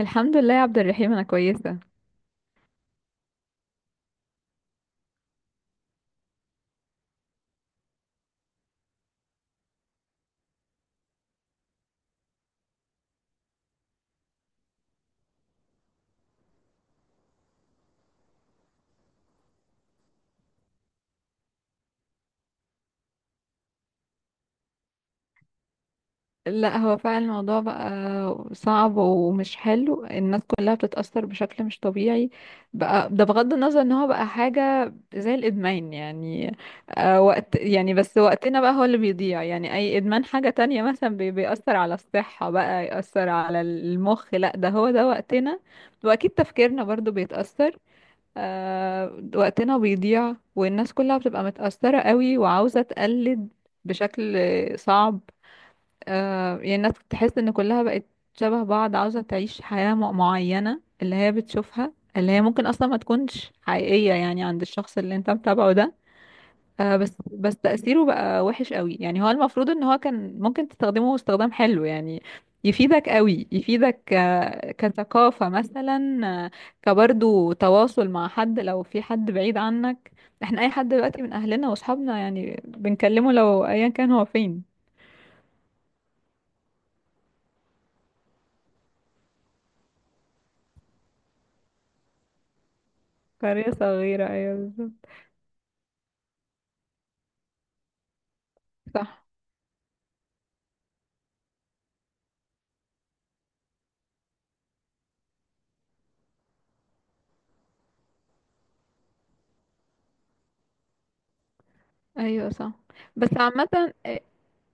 الحمد لله يا عبد الرحيم، انا كويسه. لا، هو فعلا الموضوع بقى صعب ومش حلو. الناس كلها بتتاثر بشكل مش طبيعي. بقى ده بغض النظر ان هو بقى حاجه زي الادمان يعني. وقت يعني، بس وقتنا بقى هو اللي بيضيع. يعني اي ادمان حاجه تانية مثلا بيأثر على الصحه، بقى يأثر على المخ، لا ده هو ده وقتنا. واكيد تفكيرنا برضو بيتأثر. وقتنا بيضيع والناس كلها بتبقى متأثرة قوي وعاوزة تقلد بشكل صعب. يعني الناس تحس ان كلها بقت شبه بعض، عاوزة تعيش حياة معينة اللي هي بتشوفها، اللي هي ممكن اصلا ما تكونش حقيقية يعني عند الشخص اللي انت متابعه ده. بس تأثيره بقى وحش قوي يعني. هو المفروض ان هو كان ممكن تستخدمه استخدام حلو يعني، يفيدك قوي، يفيدك كثقافة مثلا. آه، كبرضو تواصل مع حد لو في حد بعيد عنك. احنا اي حد دلوقتي من اهلنا واصحابنا يعني بنكلمه لو ايا كان هو فين. قرية صغيرة، أيوة بالظبط. صح. ايوه صح. بس عامة،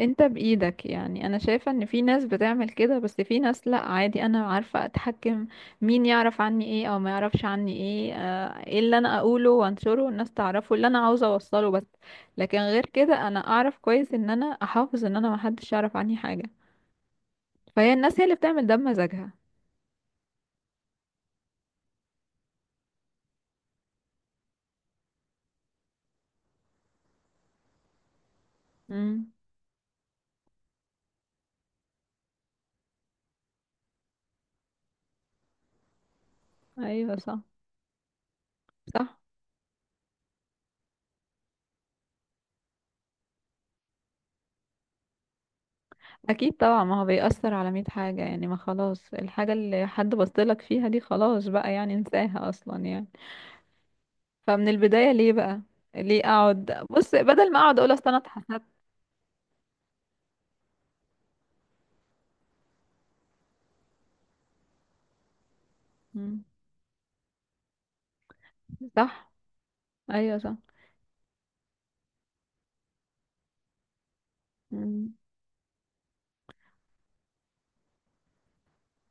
انت بإيدك. يعني انا شايفة ان في ناس بتعمل كده، بس في ناس لا، عادي، انا عارفة اتحكم مين يعرف عني ايه او ما يعرفش عني ايه. ايه اللي انا اقوله وانشره والناس تعرفه اللي انا عاوزة اوصله بس. لكن غير كده انا اعرف كويس ان انا احافظ، ان انا محدش يعرف عني حاجة. فهي الناس هي اللي بتعمل ده بمزاجها. امم. ايوه صح. صح. اكيد طبعا، ما هو بيأثر على مية حاجة يعني. ما خلاص الحاجة اللي حد بصلك فيها دي، خلاص بقى يعني انساها اصلا يعني. فمن البداية ليه بقى؟ ليه اقعد بص بدل ما اقعد اقول اصل انا اتحسدت؟ مم. صح. ايوه صح. مم.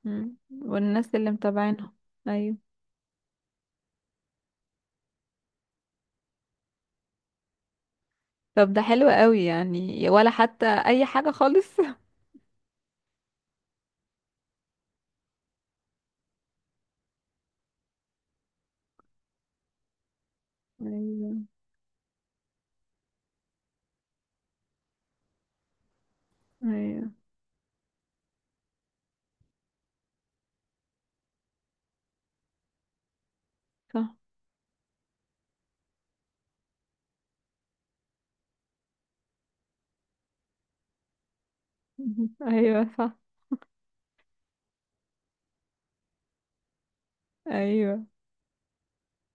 مم. والناس اللي متابعينهم. ايوه. طب ده حلو قوي يعني، ولا حتى اي حاجة خالص؟ ايوه. ايوه صح. ايوه صح. ايوه.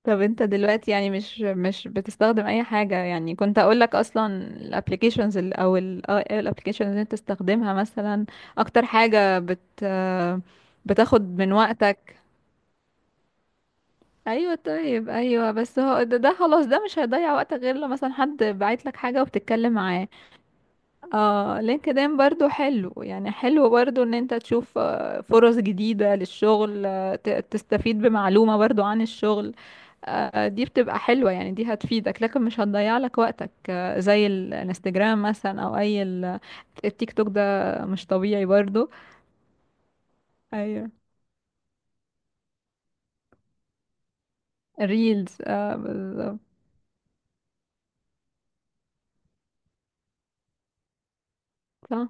طب انت دلوقتي يعني مش بتستخدم اي حاجة؟ يعني كنت اقول لك، اصلا الابليكيشنز او الابليكيشنز اللي انت تستخدمها مثلا اكتر حاجة بتاخد من وقتك؟ ايوه طيب. ايوه بس هو ده خلاص. ده مش هيضيع وقتك غير لو مثلا حد باعت لك حاجه وبتتكلم معاه. اه، لينكدين برضو حلو يعني، حلو برضو ان انت تشوف فرص جديده للشغل، تستفيد بمعلومه برضو عن الشغل. دي بتبقى حلوه يعني، دي هتفيدك لكن مش هتضيع لك وقتك. زي الانستجرام مثلا، او اي التيك توك ده. مش طبيعي برضو. ايوه الريلز، اه بالظبط. صح.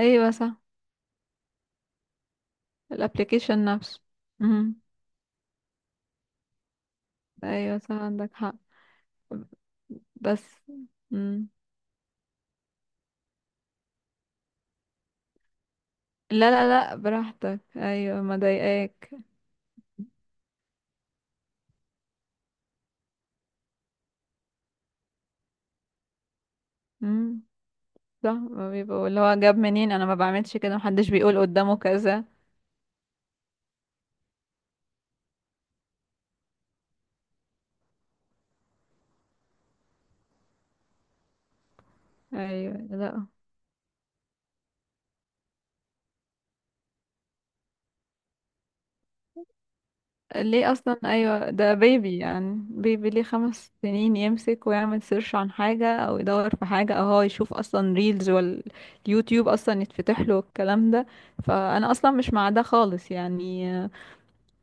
ايوه صح. الابليكيشن نفسه. مهم. ايوه صح، عندك حق. بس. مم. لا لا لا، براحتك، ايوه ما ضايقاك. مم. صح، ما بيبقوا اللي هو جاب منين. انا ما بعملش كده محدش بيقول قدامه كذا. ايوه لا. ليه اصلا؟ ايوه ده بيبي، يعني بيبي ليه 5 سنين يمسك ويعمل سيرش عن حاجة، او يدور في حاجة، او هو يشوف اصلا ريلز واليوتيوب اصلا يتفتح له الكلام ده؟ فانا اصلا مش مع ده خالص يعني.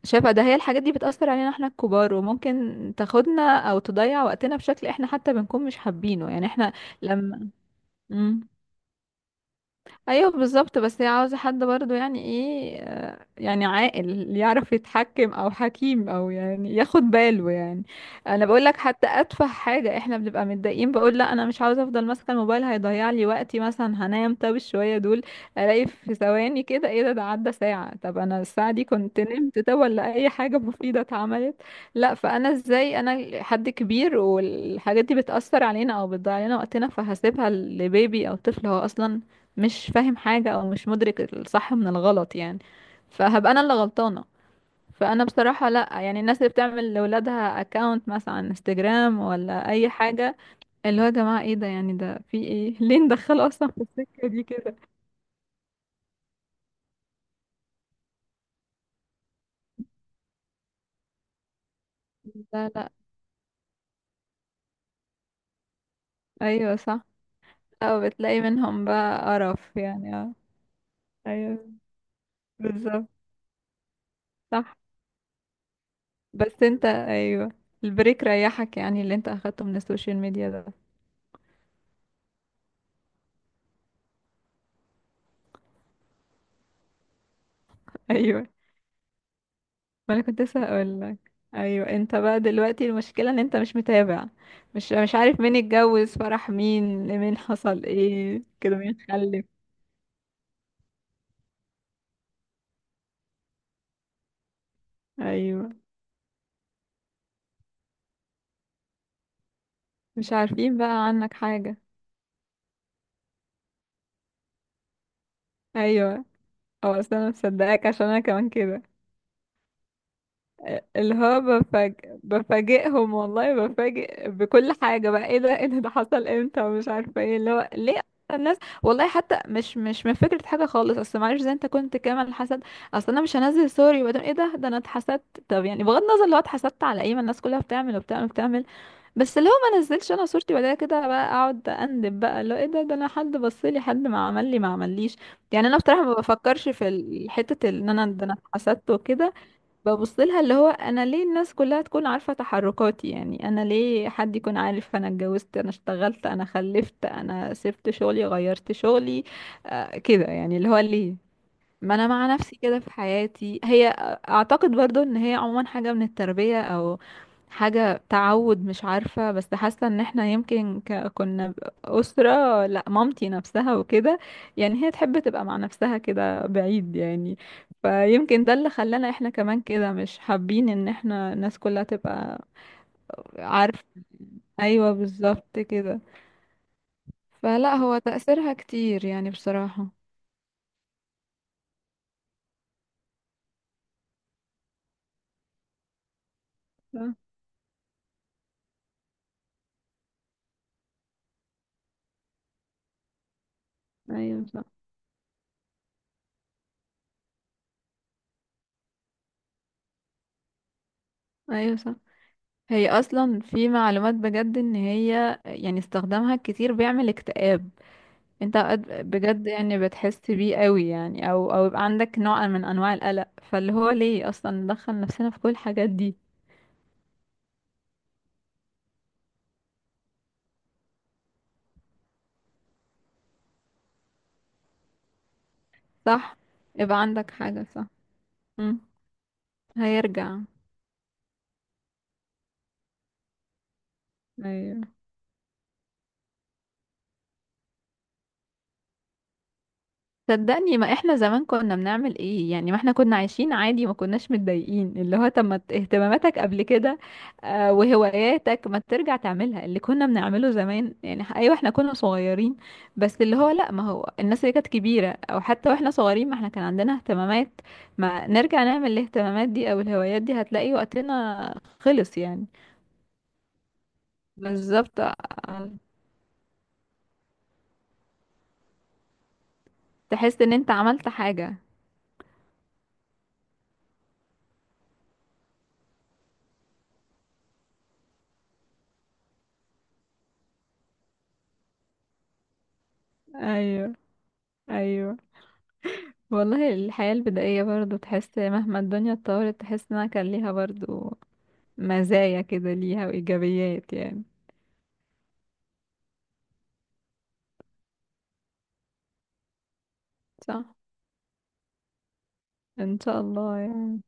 شايفة ده، هي الحاجات دي بتأثر علينا احنا الكبار، وممكن تاخدنا او تضيع وقتنا بشكل احنا حتى بنكون مش حابينه يعني. احنا لما... مم. ايوه بالظبط، بس هي عاوزة حد برضو يعني ايه؟ يعني عاقل يعرف يتحكم، او حكيم، او يعني ياخد باله يعني. انا بقول لك، حتى اتفه حاجة احنا بنبقى متضايقين. بقول لا انا مش عاوزة افضل ماسكة الموبايل، هيضيع لي وقتي مثلا. هنام، طب الشوية دول الاقي في ثواني كده، ايه ده؟ ده عدى ساعة؟ طب انا الساعة دي كنت نمت ده ولا اي حاجة مفيدة اتعملت؟ لا، فانا ازاي انا حد كبير والحاجات دي بتأثر علينا او بتضيع لنا وقتنا، فهسيبها لبيبي او طفل هو اصلا مش فاهم حاجة او مش مدرك الصح من الغلط يعني؟ فهبقى انا اللي غلطانة. فانا بصراحة لا، يعني الناس اللي بتعمل لولادها اكاونت مثلا على انستجرام ولا اي حاجة، اللي هو يا جماعة ايه ده؟ يعني ده في ايه؟ ليه ندخله اصلا في السكة دي كده؟ لا لا. ايوه صح. او بتلاقي منهم بقى قرف يعني، اه. ايوه. بالظبط. صح. بس انت، ايوه، البريك ريحك يعني اللي انت اخدته من السوشيال ميديا ده؟ ايوه. ما انا كنت لسه هقول لك. ايوه، انت بقى دلوقتي المشكله ان انت مش متابع. مش عارف مين اتجوز، فرح مين، مين حصل ايه كده، مين خلف. ايوه مش عارفين بقى عنك حاجه. ايوه. او اصلا انا مصدقك، عشان انا كمان كده. اللي هو بفاجئهم والله، بفاجئ بكل حاجة، بقى ايه ده، ايه ده، ده حصل امتى؟ ومش عارفة ايه، اللي هو ليه؟ أصلاً الناس والله حتى مش من فكرة حاجة خالص، اصل معلش زي انت كنت كامل حسد. اصل انا مش هنزل، سوري، وبعدين ايه ده، ده انا اتحسدت؟ طب يعني بغض النظر لو اتحسدت على ايه، ما الناس كلها بتعمل وبتعمل وبتعمل. بس لو ما نزلش انا صورتي وبعدين كده، بقى اقعد اندب بقى، اللي هو ايه ده، ده انا حد بصلي حد، ما عمل لي ما عمليش. يعني انا بصراحة ما بفكرش في حتة ان انا ده انا اتحسدت وكده. ببص لها اللي هو انا ليه الناس كلها تكون عارفة تحركاتي؟ يعني انا ليه حد يكون عارف انا اتجوزت، انا اشتغلت، انا خلفت، انا سبت شغلي، غيرت شغلي. آه كده يعني، اللي هو ليه؟ ما انا مع نفسي كده في حياتي هي. اعتقد برضو ان هي عموما حاجة من التربية، او حاجة تعود، مش عارفة، بس حاسة ان احنا يمكن كنا أسرة. لا مامتي نفسها وكده، يعني هي تحب تبقى مع نفسها كده بعيد يعني. فيمكن ده اللي خلانا احنا كمان كده مش حابين ان احنا الناس كلها تبقى عارفة. ايوه بالظبط كده. فلا، هو تأثيرها كتير يعني بصراحة. صح. ايوه صح. ايوه صح. هي اصلا في معلومات بجد ان هي يعني استخدامها كتير بيعمل اكتئاب. انت اوقات بجد يعني بتحس بيه قوي يعني، او يبقى عندك نوع من انواع القلق، فاللي هو ليه اصلا ندخل نفسنا في كل الحاجات دي؟ صح. يبقى عندك حاجة، صح. مم. هيرجع. ايوه صدقني، ما احنا زمان كنا بنعمل ايه يعني؟ ما احنا كنا عايشين عادي، ما كناش متضايقين، اللي هو طب ما اهتماماتك قبل كده، وهواياتك، ما ترجع تعملها اللي كنا بنعمله زمان يعني. ايوه احنا كنا صغيرين. بس اللي هو لا، ما هو الناس اللي كانت كبيرة او حتى واحنا صغيرين، ما احنا كان عندنا اهتمامات. ما نرجع نعمل الاهتمامات دي او الهوايات دي، هتلاقي وقتنا خلص يعني. بالظبط. تحس ان انت عملت حاجة. ايوه ايوه. والله الحياة البدائية برضو، تحس مهما الدنيا اتطورت، تحس انها كان ليها برضو مزايا كده، ليها وإيجابيات يعني. صح. ان شاء الله يعني.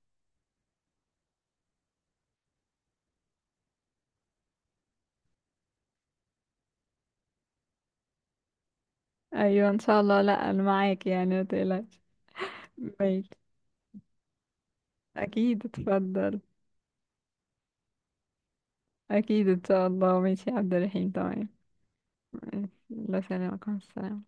ايوه ان شاء الله، لا انا معاك يعني ما تقلقش. ماشي. اكيد اتفضل. اكيد ان شاء الله، ماشي يا عبد الرحيم، تمام. الله يسلمك، مع السلامة.